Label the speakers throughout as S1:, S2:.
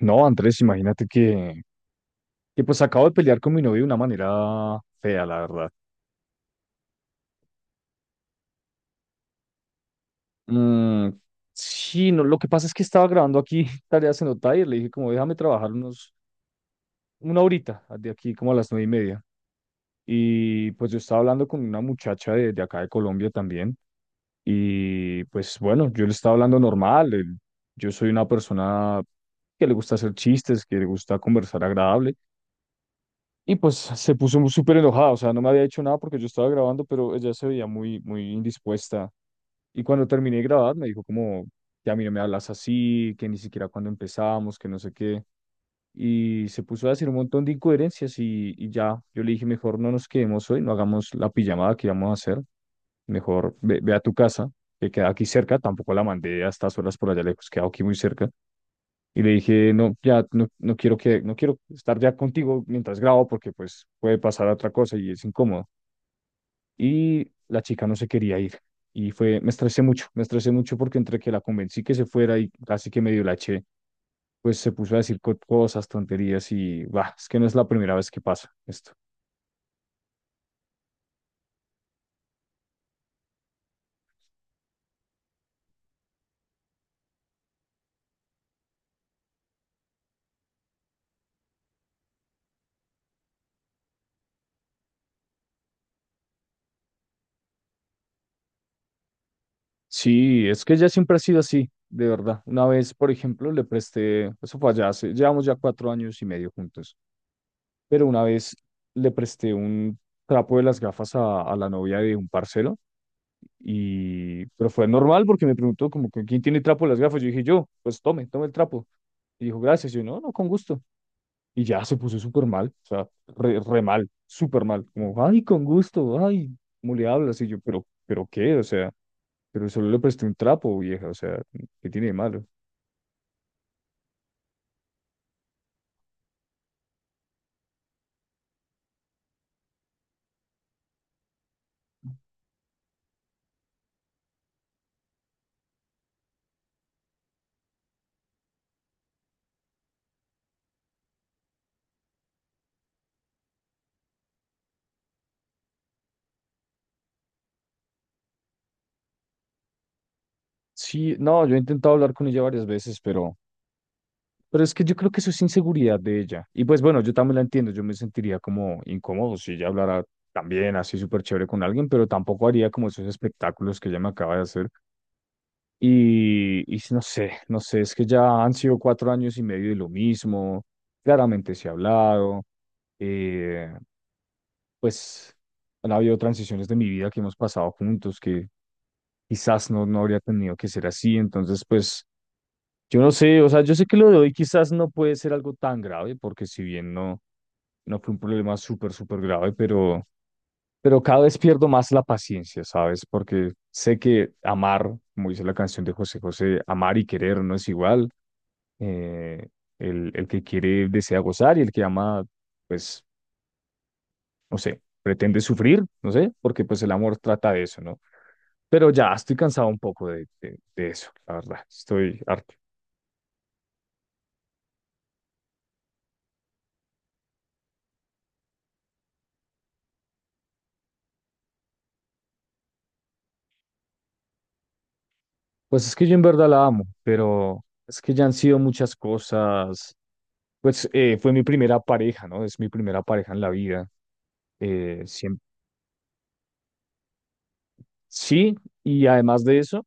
S1: No, Andrés, imagínate que acabo de pelear con mi novio de una manera fea, la verdad. Mm, sí, no, lo que pasa es que estaba grabando aquí tareas en Otay y le dije como déjame trabajar una horita de aquí como a las 9:30. Y pues yo estaba hablando con una muchacha de acá de Colombia también y pues bueno, yo le estaba hablando normal. Yo soy una persona que le gusta hacer chistes, que le gusta conversar agradable. Y pues se puso súper enojada, o sea, no me había hecho nada porque yo estaba grabando, pero ella se veía muy, muy indispuesta. Y cuando terminé de grabar, me dijo como, que a mí no me hablas así, que ni siquiera cuando empezamos, que no sé qué. Y se puso a decir un montón de incoherencias y ya, yo le dije, mejor no nos quedemos hoy, no hagamos la pijamada que íbamos a hacer, mejor ve a tu casa, que queda aquí cerca, tampoco la mandé a estas horas por allá lejos, queda aquí muy cerca. Y le dije, no, ya no, no quiero no quiero estar ya contigo mientras grabo porque pues puede pasar otra cosa y es incómodo. Y la chica no se quería ir. Y fue, me estresé mucho porque entre que la convencí que se fuera y casi que medio la eché, pues se puso a decir cosas, tonterías y, bah, es que no es la primera vez que pasa esto. Sí, es que ella siempre ha sido así, de verdad. Una vez, por ejemplo, le presté, eso fue allá, llevamos ya 4 años y medio juntos. Pero una vez le presté un trapo de las gafas a la novia de un parcero y pero fue normal porque me preguntó como que quién tiene trapo de las gafas. Yo dije yo, pues tome, tome el trapo. Y dijo, gracias. Yo, no, no, con gusto. Y ya se puso súper mal, o sea, re, re mal, súper mal. Como, ay, con gusto, ay, ¿cómo le hablas? Y yo, pero qué, o sea, pero solo le presté un trapo, vieja, o sea, ¿qué tiene de malo? Sí, no, yo he intentado hablar con ella varias veces, pero es que yo creo que eso es inseguridad de ella. Y pues bueno, yo también la entiendo, yo me sentiría como incómodo si ella hablara también así súper chévere con alguien, pero tampoco haría como esos espectáculos que ella me acaba de hacer. Y no sé, no sé, es que ya han sido 4 años y medio de lo mismo, claramente se ha hablado, eh, pues han habido transiciones de mi vida que hemos pasado juntos que quizás no, no habría tenido que ser así, entonces pues... Yo no sé, o sea, yo sé que lo de hoy quizás no puede ser algo tan grave, porque si bien no, no fue un problema súper, súper grave, pero cada vez pierdo más la paciencia, ¿sabes? Porque sé que amar, como dice la canción de José José, amar y querer no es igual. Eh, el que quiere desea gozar y el que ama, pues, no sé, pretende sufrir, no sé, porque pues el amor trata de eso, ¿no? Pero ya estoy cansado un poco de eso, la verdad, estoy harto. Pues es que yo en verdad la amo, pero es que ya han sido muchas cosas. Pues fue mi primera pareja, ¿no? Es mi primera pareja en la vida. Eh, siem- sí, y además de eso,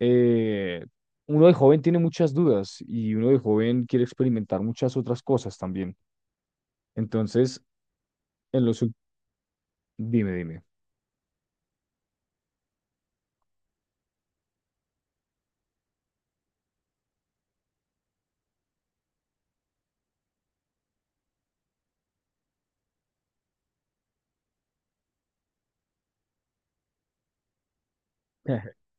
S1: eh, uno de joven tiene muchas dudas y uno de joven quiere experimentar muchas otras cosas también. Entonces, en los... Dime, dime.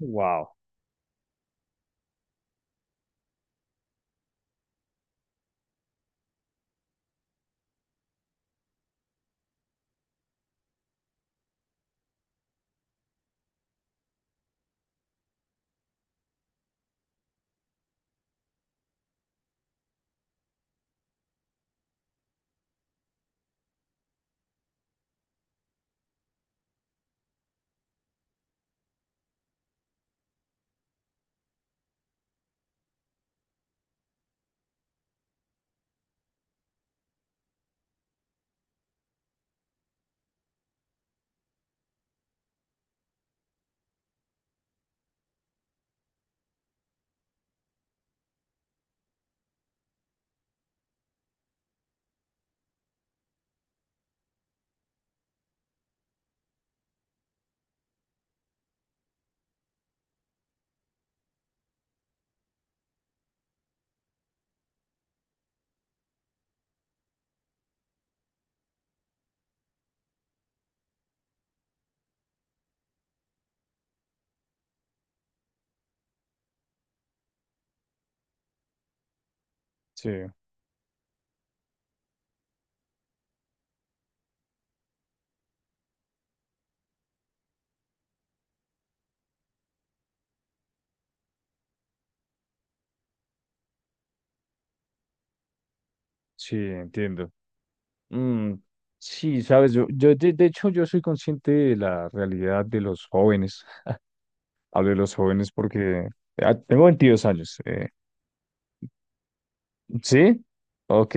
S1: Wow. Sí, sí, entiendo. Mm, sí, sabes, yo de hecho yo soy consciente de la realidad de los jóvenes. Hablo de los jóvenes porque ah, tengo 22 años. ¿Sí? Ok.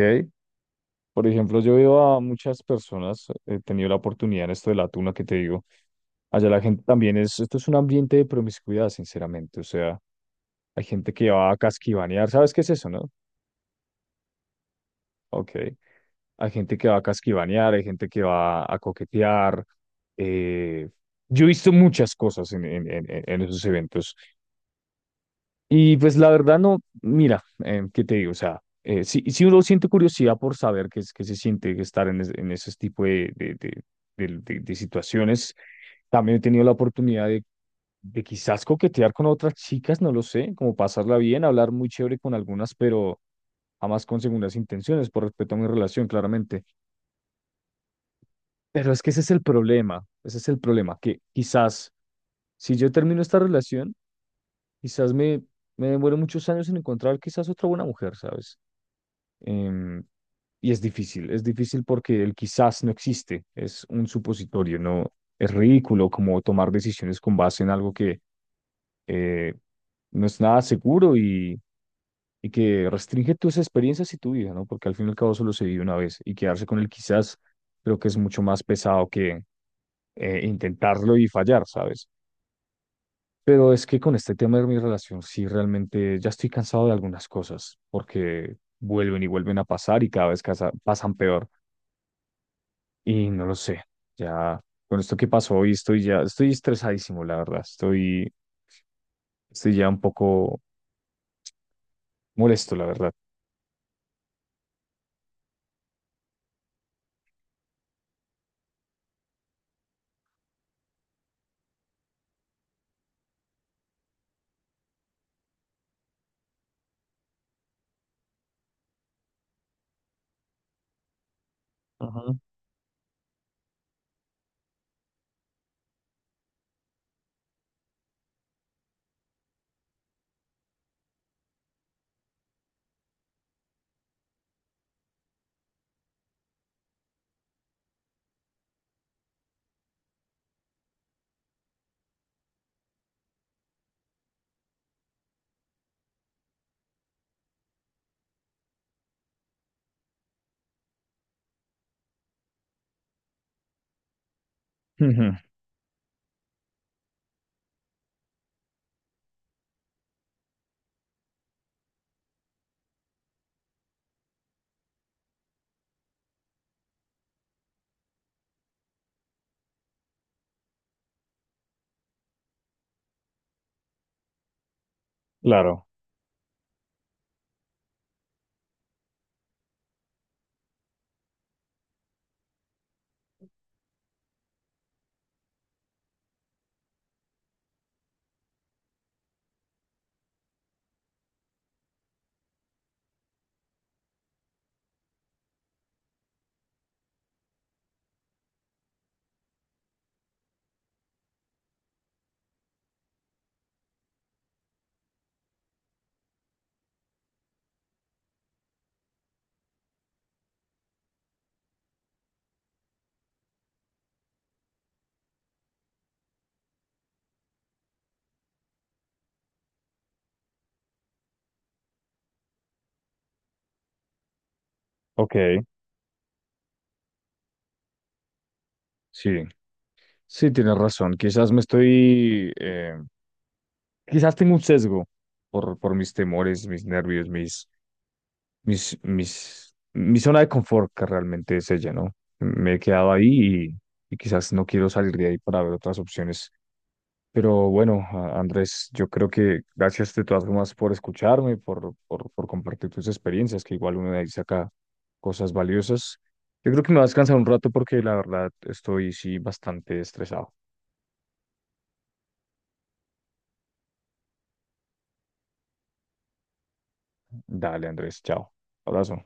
S1: Por ejemplo, yo veo a muchas personas, he tenido la oportunidad en esto de la tuna que te digo. Allá la gente también es, esto es un ambiente de promiscuidad, sinceramente. O sea, hay gente que va a casquivanear, ¿sabes qué es eso, no? Ok. Hay gente que va a casquivanear, hay gente que va a coquetear. eh, yo he visto muchas cosas en esos eventos. Y pues la verdad no, mira, ¿qué te digo? O sea, si, si uno siente curiosidad por saber qué, qué se siente estar en, en ese tipo de situaciones, también he tenido la oportunidad de quizás coquetear con otras chicas, no lo sé, como pasarla bien, hablar muy chévere con algunas, pero jamás con segundas intenciones, por respeto a mi relación, claramente. Pero es que ese es el problema, ese es el problema, que quizás si yo termino esta relación, quizás me, me demore muchos años en encontrar quizás otra buena mujer, ¿sabes? Em, y es difícil porque el quizás no existe, es un supositorio, no es ridículo como tomar decisiones con base en algo que eh, no es nada seguro y que restringe tus experiencias y tu vida, ¿no? Porque al fin y al cabo solo se vive una vez y quedarse con el quizás creo que es mucho más pesado que intentarlo y fallar, ¿sabes? Pero es que con este tema de mi relación sí realmente ya estoy cansado de algunas cosas porque vuelven y vuelven a pasar y cada vez pasan peor. Y no lo sé, ya con esto que pasó hoy estoy ya, estoy estresadísimo, la verdad, estoy, estoy ya un poco molesto, la verdad. Ajá. Ujú, claro, ok, sí, sí, tienes razón, quizás me estoy, quizás tengo un sesgo por mis temores, mis nervios, mi zona de confort que realmente es ella, ¿no? Me he quedado ahí y quizás no quiero salir de ahí para ver otras opciones. Pero bueno, Andrés, yo creo que gracias de todas formas por escucharme, por compartir tus experiencias, que igual uno de ahí saca cosas valiosas. Yo creo que me va a descansar un rato porque la verdad estoy sí bastante estresado. Dale, Andrés, chao. Abrazo.